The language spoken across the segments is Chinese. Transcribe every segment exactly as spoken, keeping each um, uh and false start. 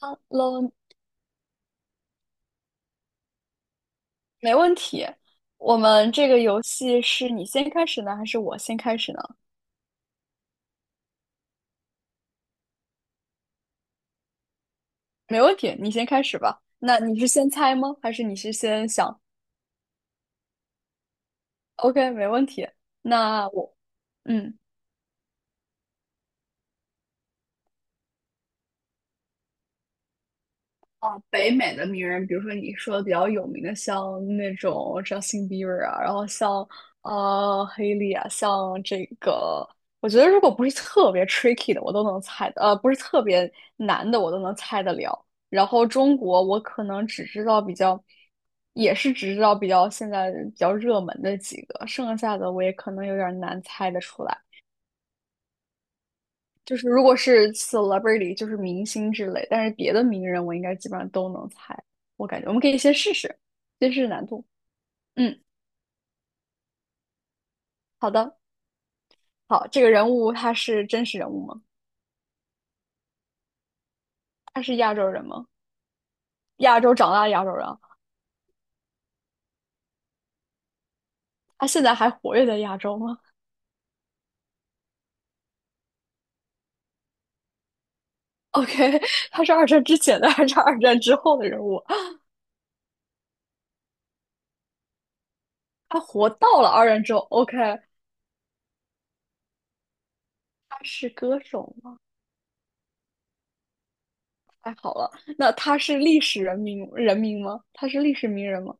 哈喽，没问题。我们这个游戏是你先开始呢，还是我先开始呢？没问题，你先开始吧。那你是先猜吗？还是你是先想？OK，没问题。那我，嗯。啊，北美的名人，比如说你说的比较有名的，像那种 Justin Bieber 啊，然后像呃黑莉啊，像这个，我觉得如果不是特别 tricky 的，我都能猜的，呃，不是特别难的，我都能猜得了。然后中国，我可能只知道比较，也是只知道比较现在比较热门的几个，剩下的我也可能有点难猜得出来。就是如果是 celebrity，就是明星之类，但是别的名人我应该基本上都能猜。我感觉我们可以先试试，先试试难度。嗯，好的，好，这个人物他是真实人物吗？他是亚洲人吗？亚洲长大的亚洲人啊，他现在还活跃在亚洲吗？OK，他是二战之前的还是二战之后的人物啊？他活到了二战之后，OK，他是歌手吗？太好了，那他是历史人名人名吗？他是历史名人吗？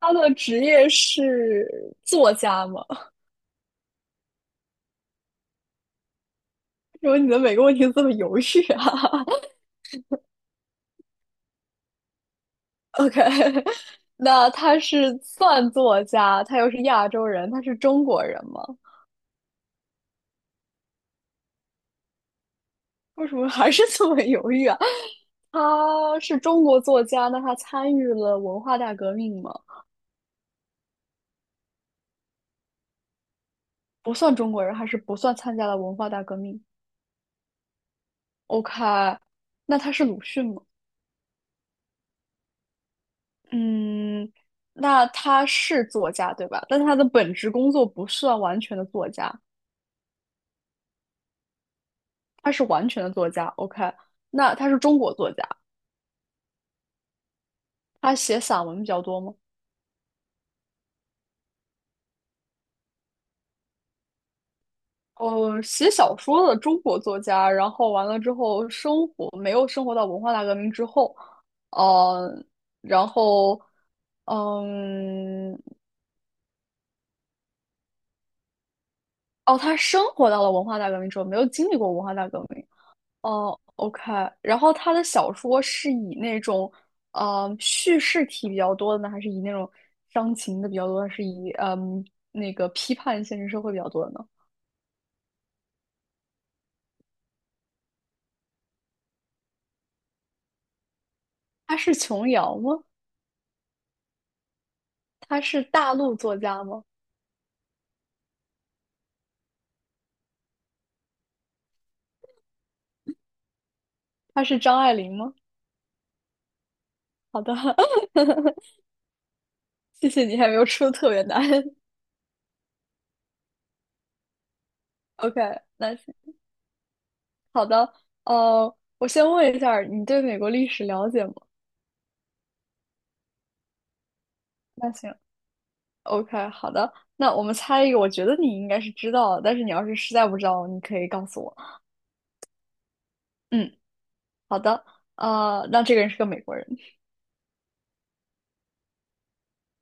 他的职业是作家吗？因为什么你的每个问题都这么犹豫啊 ？OK，那他是算作家，他又是亚洲人，他是中国人吗？为什么还是这么犹豫啊？他是中国作家，那他参与了文化大革命吗？不算中国人，还是不算参加了文化大革命？OK，那他是鲁迅吗？嗯，那他是作家对吧？但他的本职工作不算完全的作家。他是完全的作家，OK，那他是中国作家，他写散文比较多吗？呃，写小说的中国作家，然后完了之后生活没有生活到文化大革命之后，呃，然后，嗯，哦，他生活到了文化大革命之后，没有经历过文化大革命，哦，OK，然后他的小说是以那种，呃，叙事体比较多的呢，还是以那种伤情的比较多，还是以嗯那个批判现实社会比较多的呢？他是琼瑶吗？他是大陆作家吗？他是张爱玲吗？好的，谢谢你还没有出特别难。OK，那行，好的，呃，我先问一下儿你对美国历史了解吗？那行。OK，好的，那我们猜一个，我觉得你应该是知道的，但是你要是实在不知道，你可以告诉我。嗯，好的，呃，那这个人是个美国人，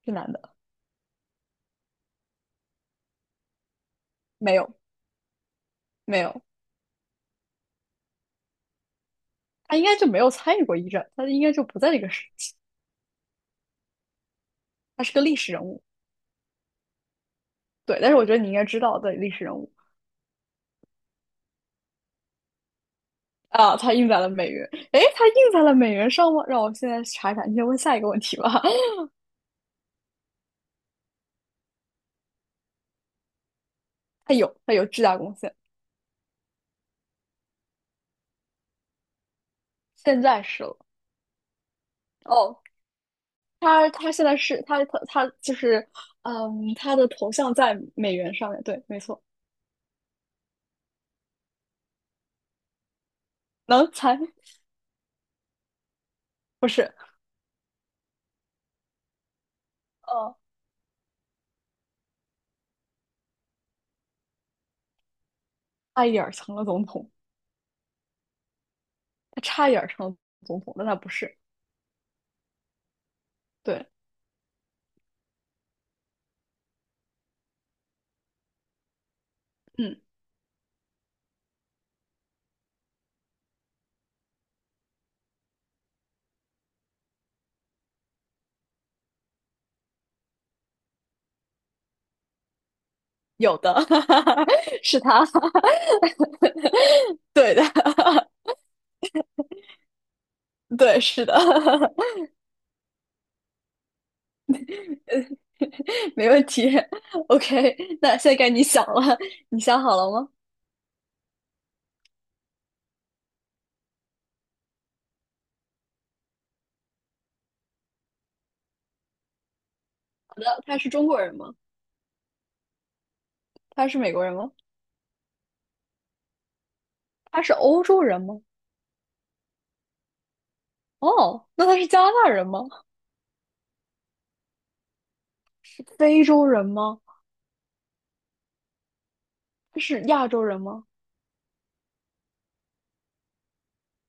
是男的，没有，没有，他应该就没有参与过一战，他应该就不在这个时期，他是个历史人物，对，但是我觉得你应该知道的历史人物啊，他印在了美元，诶，他印在了美元上吗？让我现在查一查，你先问下一个问题吧。他有，他有巨大贡献，现在是了。哦，他他现在是他他他就是，嗯，他的头像在美元上面，对，没错，能才不是，呃，差一点儿成了总统，他差一点儿成了总统，但他不是，对，嗯，有的，是他，对的，对，是的，没问题，OK，那现在该你想了，你想好了吗？好的，他是中国人吗？他是美国人吗？他是欧洲人吗？哦，那他是加拿大人吗？是非洲人吗？他是亚洲人吗？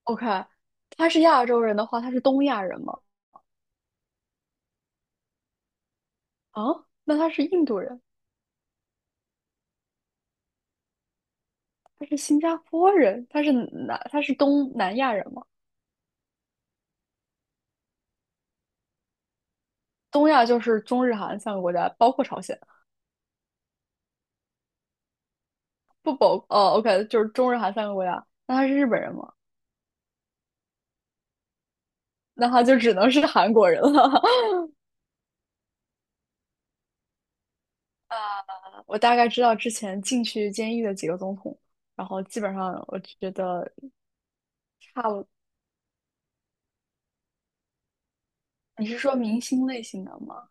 OK，他是亚洲人的话，他是东亚人吗？啊，那他是印度人，他是新加坡人，他是南，他是东南亚人吗？东亚就是中日韩三个国家，包括朝鲜，不包，哦，OK，就是中日韩三个国家。那他是日本人吗？那他就只能是韩国人了。我大概知道之前进去监狱的几个总统，然后基本上我觉得差不。你是说明星类型的吗？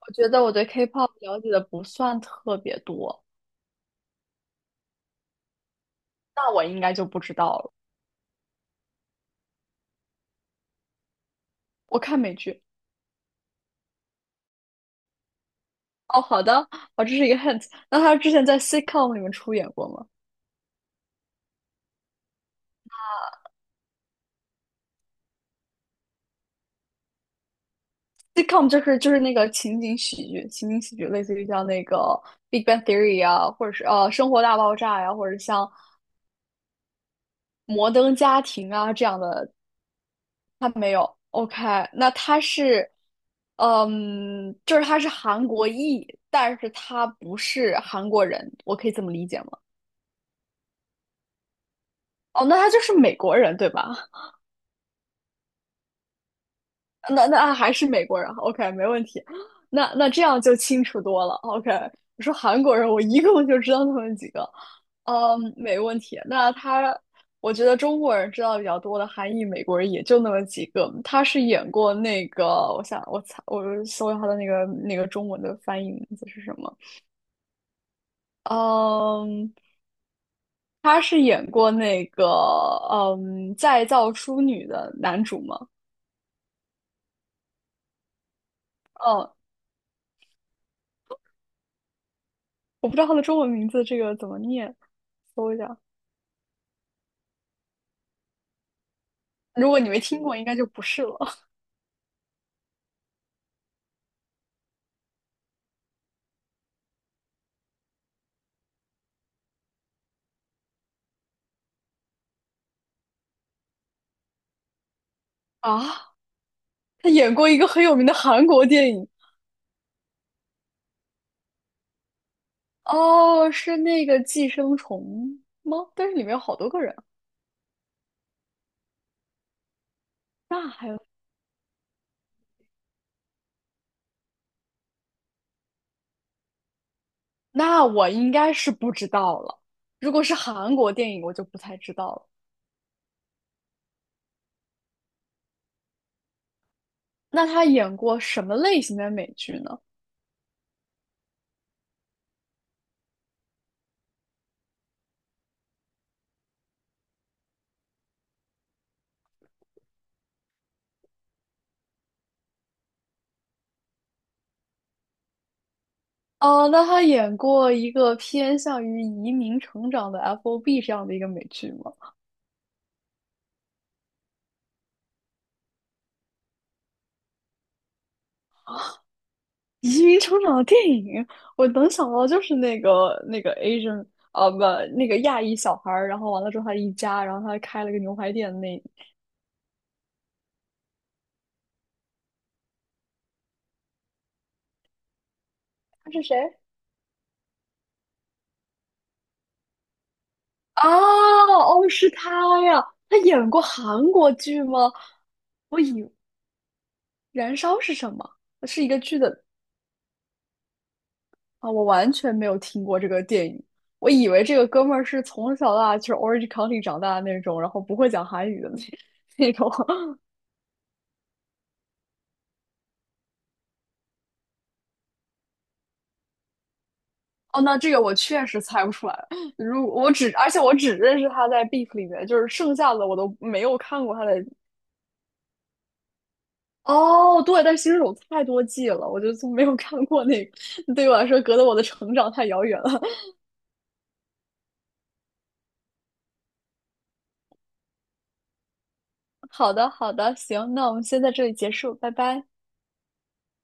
我觉得我对 K-pop 了解的不算特别多，那我应该就不知道了。我看美剧。哦，好的，哦，这是一个 hint。那他之前在 sitcom 里面出演过吗？sitcom 就是就是那个情景喜剧，情景喜剧类似于像那个《Big Bang Theory》啊，或者是呃《生活大爆炸》呀，或者像《摩登家庭》啊这样的。他没有。OK，那他是，嗯，就是他是韩国裔，但是他不是韩国人，我可以这么理解吗？哦，那他就是美国人，对吧？那那还是美国人，OK，没问题。那那这样就清楚多了，OK。我说韩国人，我一共就知道他们几个，嗯，没问题。那他，我觉得中国人知道比较多的韩裔美国人也就那么几个。他是演过那个，我想我猜，我搜一下他的那个那个中文的翻译名字是什么？嗯，他是演过那个嗯再造淑女的男主吗？嗯，我不知道他的中文名字这个怎么念，搜一下。如果你没听过，应该就不是了 啊。他演过一个很有名的韩国电影，哦，是那个《寄生虫》吗？但是里面有好多个人。那还有，那我应该是不知道了。如果是韩国电影，我就不太知道了。那他演过什么类型的美剧呢？哦，那他演过一个偏向于移民成长的 F O B 这样的一个美剧吗？移民成长的电影，我能想到就是那个那个 Asian 啊，不，那个亚裔小孩儿，然后完了之后他一家，然后他开了个牛排店那，他是谁？啊，哦，是他呀，他演过韩国剧吗？我以《燃烧》是什么？是一个剧的啊，我完全没有听过这个电影，我以为这个哥们儿是从小到大就是 Orange County 长大的那种，然后不会讲韩语的那 那种。哦，那这个我确实猜不出来。如我只，而且我只认识他在 Beef 里面，就是剩下的我都没有看过他的。哦，对，但新手太多季了，我就从没有看过那个，对于我来说隔得我的成长太遥远了。好的，好的，行，那我们先在这里结束，拜拜。